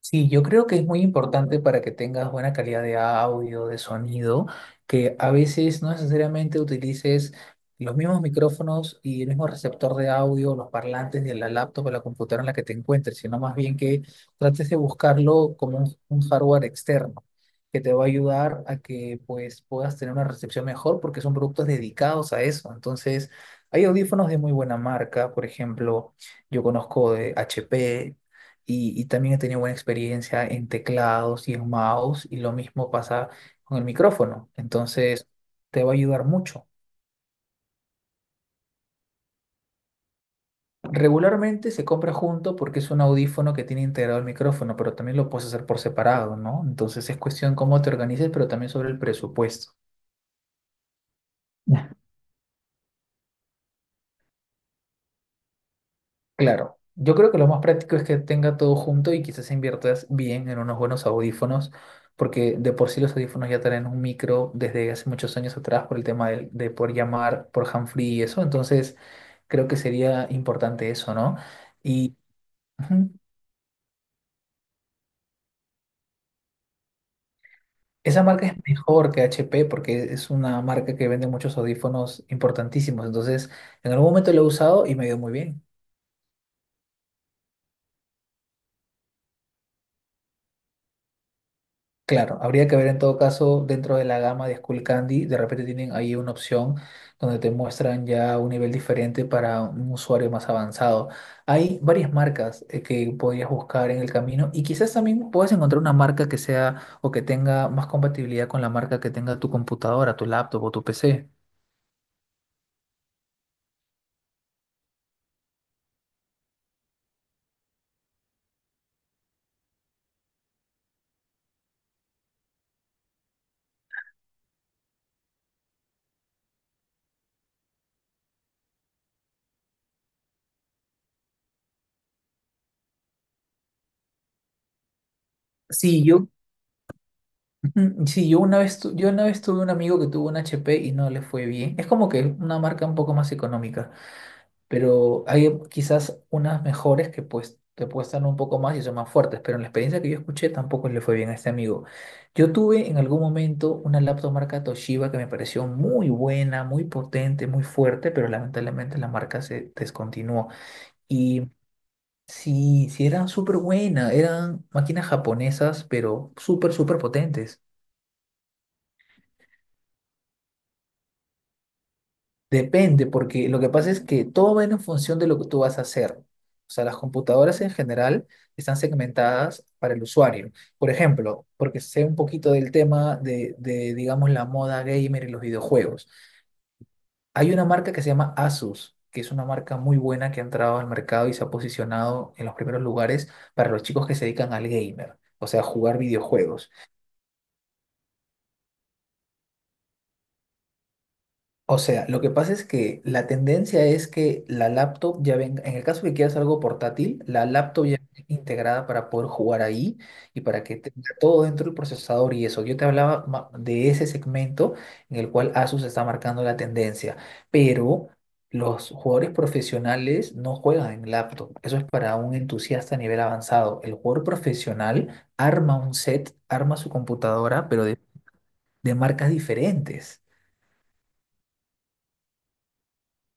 Sí, yo creo que es muy importante para que tengas buena calidad de audio, de sonido, que a veces no necesariamente utilices los mismos micrófonos y el mismo receptor de audio, los parlantes de la laptop o la computadora en la que te encuentres, sino más bien que trates de buscarlo como un hardware externo que te va a ayudar a que pues puedas tener una recepción mejor porque son productos dedicados a eso. Entonces, hay audífonos de muy buena marca, por ejemplo, yo conozco de HP y también he tenido buena experiencia en teclados y en mouse y lo mismo pasa con el micrófono. Entonces, te va a ayudar mucho. Regularmente se compra junto porque es un audífono que tiene integrado el micrófono, pero también lo puedes hacer por separado, ¿no? Entonces es cuestión cómo te organices, pero también sobre el presupuesto. Claro, yo creo que lo más práctico es que tenga todo junto y quizás inviertas bien en unos buenos audífonos, porque de por sí los audífonos ya traen un micro desde hace muchos años atrás por el tema por llamar por handfree y eso, entonces creo que sería importante eso, ¿no? Y ujú, esa marca es mejor que HP porque es una marca que vende muchos audífonos importantísimos, entonces en algún momento lo he usado y me ha ido muy bien. Claro, habría que ver en todo caso dentro de la gama de Skull Candy, de repente tienen ahí una opción donde te muestran ya un nivel diferente para un usuario más avanzado. Hay varias marcas que podrías buscar en el camino y quizás también puedas encontrar una marca que sea o que tenga más compatibilidad con la marca que tenga tu computadora, tu laptop o tu PC. Sí, yo, ujú, sí, yo una vez, yo una vez tuve un amigo que tuvo un HP y no le fue bien. Es como que una marca un poco más económica. Pero hay quizás unas mejores que pues te cuestan un poco más y son más fuertes, pero en la experiencia que yo escuché tampoco le fue bien a este amigo. Yo tuve en algún momento una laptop marca Toshiba que me pareció muy buena, muy potente, muy fuerte, pero lamentablemente la marca se descontinuó. Y sí, sí eran súper buenas, eran máquinas japonesas, pero súper, súper potentes. Depende, porque lo que pasa es que todo va en función de lo que tú vas a hacer. O sea, las computadoras en general están segmentadas para el usuario. Por ejemplo, porque sé un poquito del tema digamos, la moda gamer y los videojuegos. Hay una marca que se llama Asus, que es una marca muy buena que ha entrado al mercado y se ha posicionado en los primeros lugares para los chicos que se dedican al gamer, o sea, jugar videojuegos. O sea, lo que pasa es que la tendencia es que la laptop ya venga, en el caso que quieras algo portátil, la laptop ya viene integrada para poder jugar ahí y para que tenga todo dentro del procesador y eso. Yo te hablaba de ese segmento en el cual Asus está marcando la tendencia, pero los jugadores profesionales no juegan en laptop. Eso es para un entusiasta a nivel avanzado. El jugador profesional arma un set, arma su computadora, pero de marcas diferentes.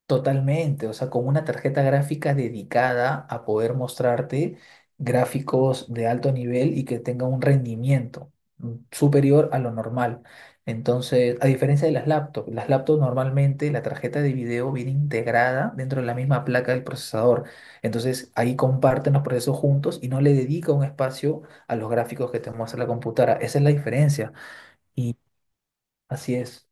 Totalmente, o sea, con una tarjeta gráfica dedicada a poder mostrarte gráficos de alto nivel y que tenga un rendimiento superior a lo normal. Entonces, a diferencia de las laptops normalmente la tarjeta de video viene integrada dentro de la misma placa del procesador. Entonces, ahí comparten los procesos juntos y no le dedica un espacio a los gráficos que te muestra la computadora. Esa es la diferencia. Y así es.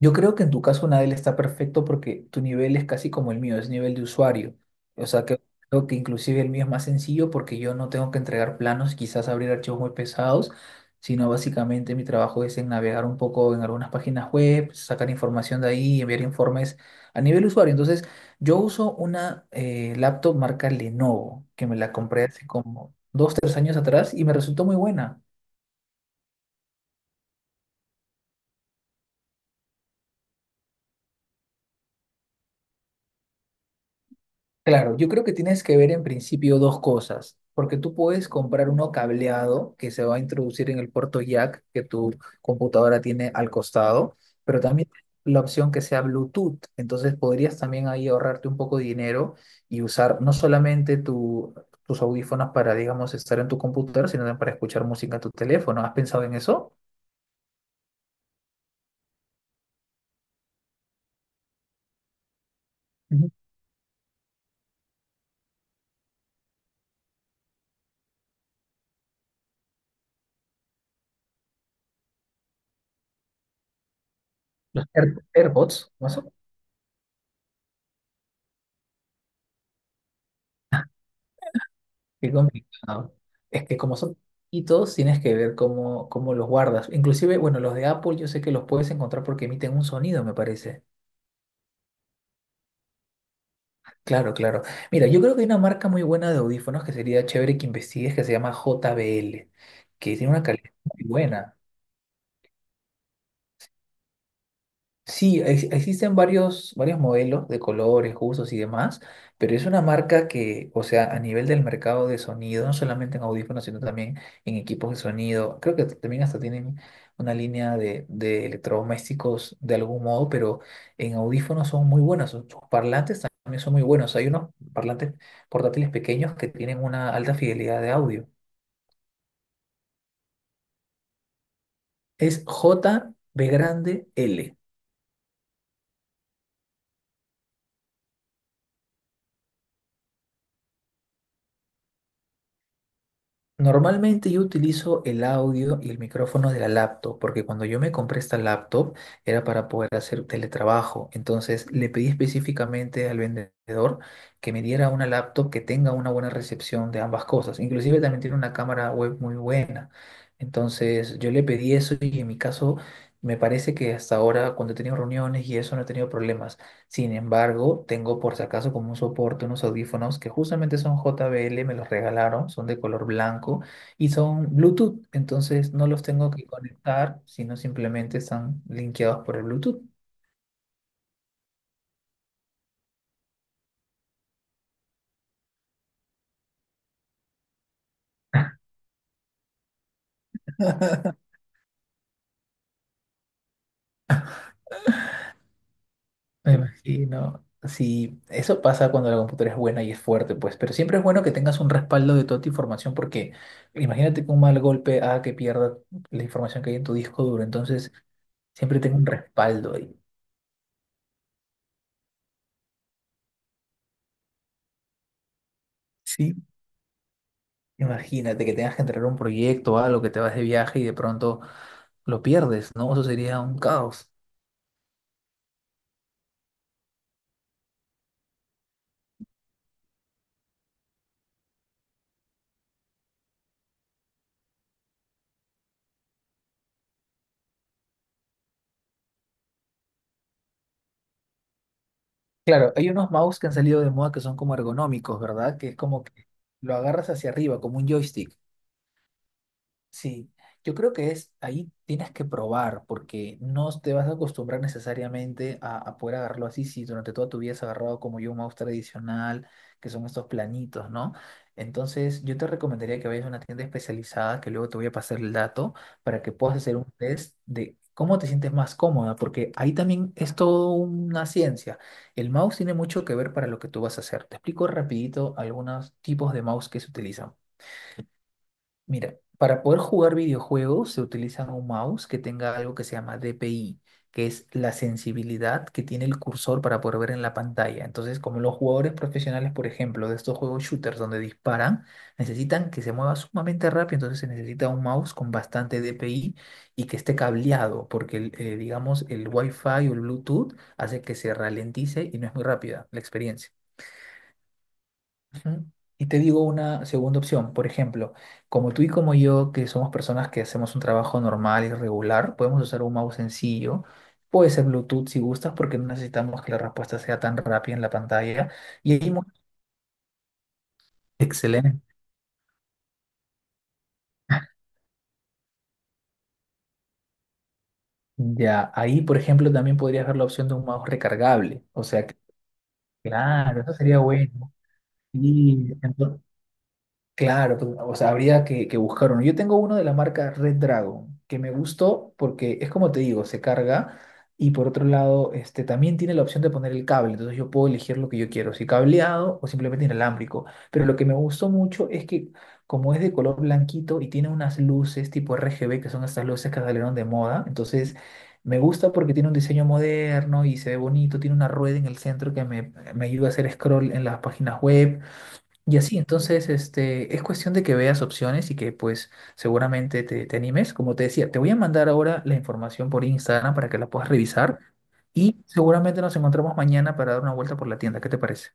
Yo creo que en tu caso Nadel está perfecto porque tu nivel es casi como el mío, es nivel de usuario. O sea que creo que inclusive el mío es más sencillo porque yo no tengo que entregar planos, quizás abrir archivos muy pesados, sino básicamente mi trabajo es en navegar un poco en algunas páginas web, sacar información de ahí, enviar informes a nivel usuario. Entonces, yo uso una laptop marca Lenovo, que me la compré hace como dos, tres años atrás y me resultó muy buena. Claro, yo creo que tienes que ver en principio dos cosas, porque tú puedes comprar uno cableado que se va a introducir en el puerto jack que tu computadora tiene al costado, pero también la opción que sea Bluetooth, entonces podrías también ahí ahorrarte un poco de dinero y usar no solamente tus audífonos para, digamos, estar en tu computadora, sino también para escuchar música en tu teléfono. ¿Has pensado en eso? Ujú. Los AirPods, ¿no? Qué complicado. Es que como son poquitos, tienes que ver cómo, cómo los guardas. Inclusive, bueno, los de Apple yo sé que los puedes encontrar porque emiten un sonido, me parece. Claro, claro. Mira, yo creo que hay una marca muy buena de audífonos que sería chévere que investigues, que se llama JBL, que tiene una calidad muy buena. Sí, existen varios, varios modelos de colores, gustos y demás, pero es una marca que, o sea, a nivel del mercado de sonido, no solamente en audífonos, sino también en equipos de sonido, creo que también hasta tienen una línea de electrodomésticos de algún modo, pero en audífonos son muy buenos, sus parlantes también son muy buenos, hay unos parlantes portátiles pequeños que tienen una alta fidelidad de audio. Es J B grande L. Normalmente yo utilizo el audio y el micrófono de la laptop, porque cuando yo me compré esta laptop era para poder hacer teletrabajo. Entonces le pedí específicamente al vendedor que me diera una laptop que tenga una buena recepción de ambas cosas. Inclusive también tiene una cámara web muy buena. Entonces yo le pedí eso y en mi caso me parece que hasta ahora cuando he tenido reuniones y eso no he tenido problemas. Sin embargo, tengo por si acaso como un soporte unos audífonos que justamente son JBL, me los regalaron, son de color blanco y son Bluetooth, entonces no los tengo que conectar, sino simplemente están linkeados por el Bluetooth. Me imagino. Sí, eso pasa cuando la computadora es buena y es fuerte, pues, pero siempre es bueno que tengas un respaldo de toda tu información porque imagínate que un mal golpe haga que pierda la información que hay en tu disco duro, entonces siempre tengo un respaldo ahí. Sí, imagínate que tengas que entregar un proyecto o algo, que te vas de viaje y de pronto lo pierdes, ¿no? Eso sería un caos. Claro, hay unos mouse que han salido de moda que son como ergonómicos, ¿verdad? Que es como que lo agarras hacia arriba, como un joystick. Sí, yo creo que es ahí tienes que probar porque no te vas a acostumbrar necesariamente a poder agarrarlo así si durante toda tu vida has agarrado como yo un mouse tradicional, que son estos planitos, ¿no? Entonces, yo te recomendaría que vayas a una tienda especializada, que luego te voy a pasar el dato para que puedas hacer un test de cómo te sientes más cómoda, porque ahí también es todo una ciencia. El mouse tiene mucho que ver para lo que tú vas a hacer. Te explico rapidito algunos tipos de mouse que se utilizan. Mira, para poder jugar videojuegos se utiliza un mouse que tenga algo que se llama DPI, que es la sensibilidad que tiene el cursor para poder ver en la pantalla. Entonces, como los jugadores profesionales, por ejemplo, de estos juegos shooters donde disparan, necesitan que se mueva sumamente rápido, entonces se necesita un mouse con bastante DPI y que esté cableado, porque el, digamos el Wi-Fi o el Bluetooth hace que se ralentice y no es muy rápida la experiencia. Ujú. Y te digo una segunda opción, por ejemplo, como tú y como yo, que somos personas que hacemos un trabajo normal y regular, podemos usar un mouse sencillo, puede ser Bluetooth si gustas, porque no necesitamos que la respuesta sea tan rápida en la pantalla. Y ahí, excelente. Ya, ahí, por ejemplo, también podrías ver la opción de un mouse recargable. O sea, claro, eso sería bueno. Y claro, pues, o sea, habría que buscar uno. Yo tengo uno de la marca Red Dragon, que me gustó porque es como te digo, se carga y por otro lado, este, también tiene la opción de poner el cable, entonces yo puedo elegir lo que yo quiero, si cableado o simplemente inalámbrico. Pero lo que me gustó mucho es que como es de color blanquito y tiene unas luces tipo RGB, que son estas luces que salieron de moda, entonces me gusta porque tiene un diseño moderno y se ve bonito, tiene una rueda en el centro que me ayuda a hacer scroll en las páginas web. Y así, entonces, este, es cuestión de que veas opciones y que pues seguramente te, te animes. Como te decía, te voy a mandar ahora la información por Instagram para que la puedas revisar y seguramente nos encontramos mañana para dar una vuelta por la tienda. ¿Qué te parece?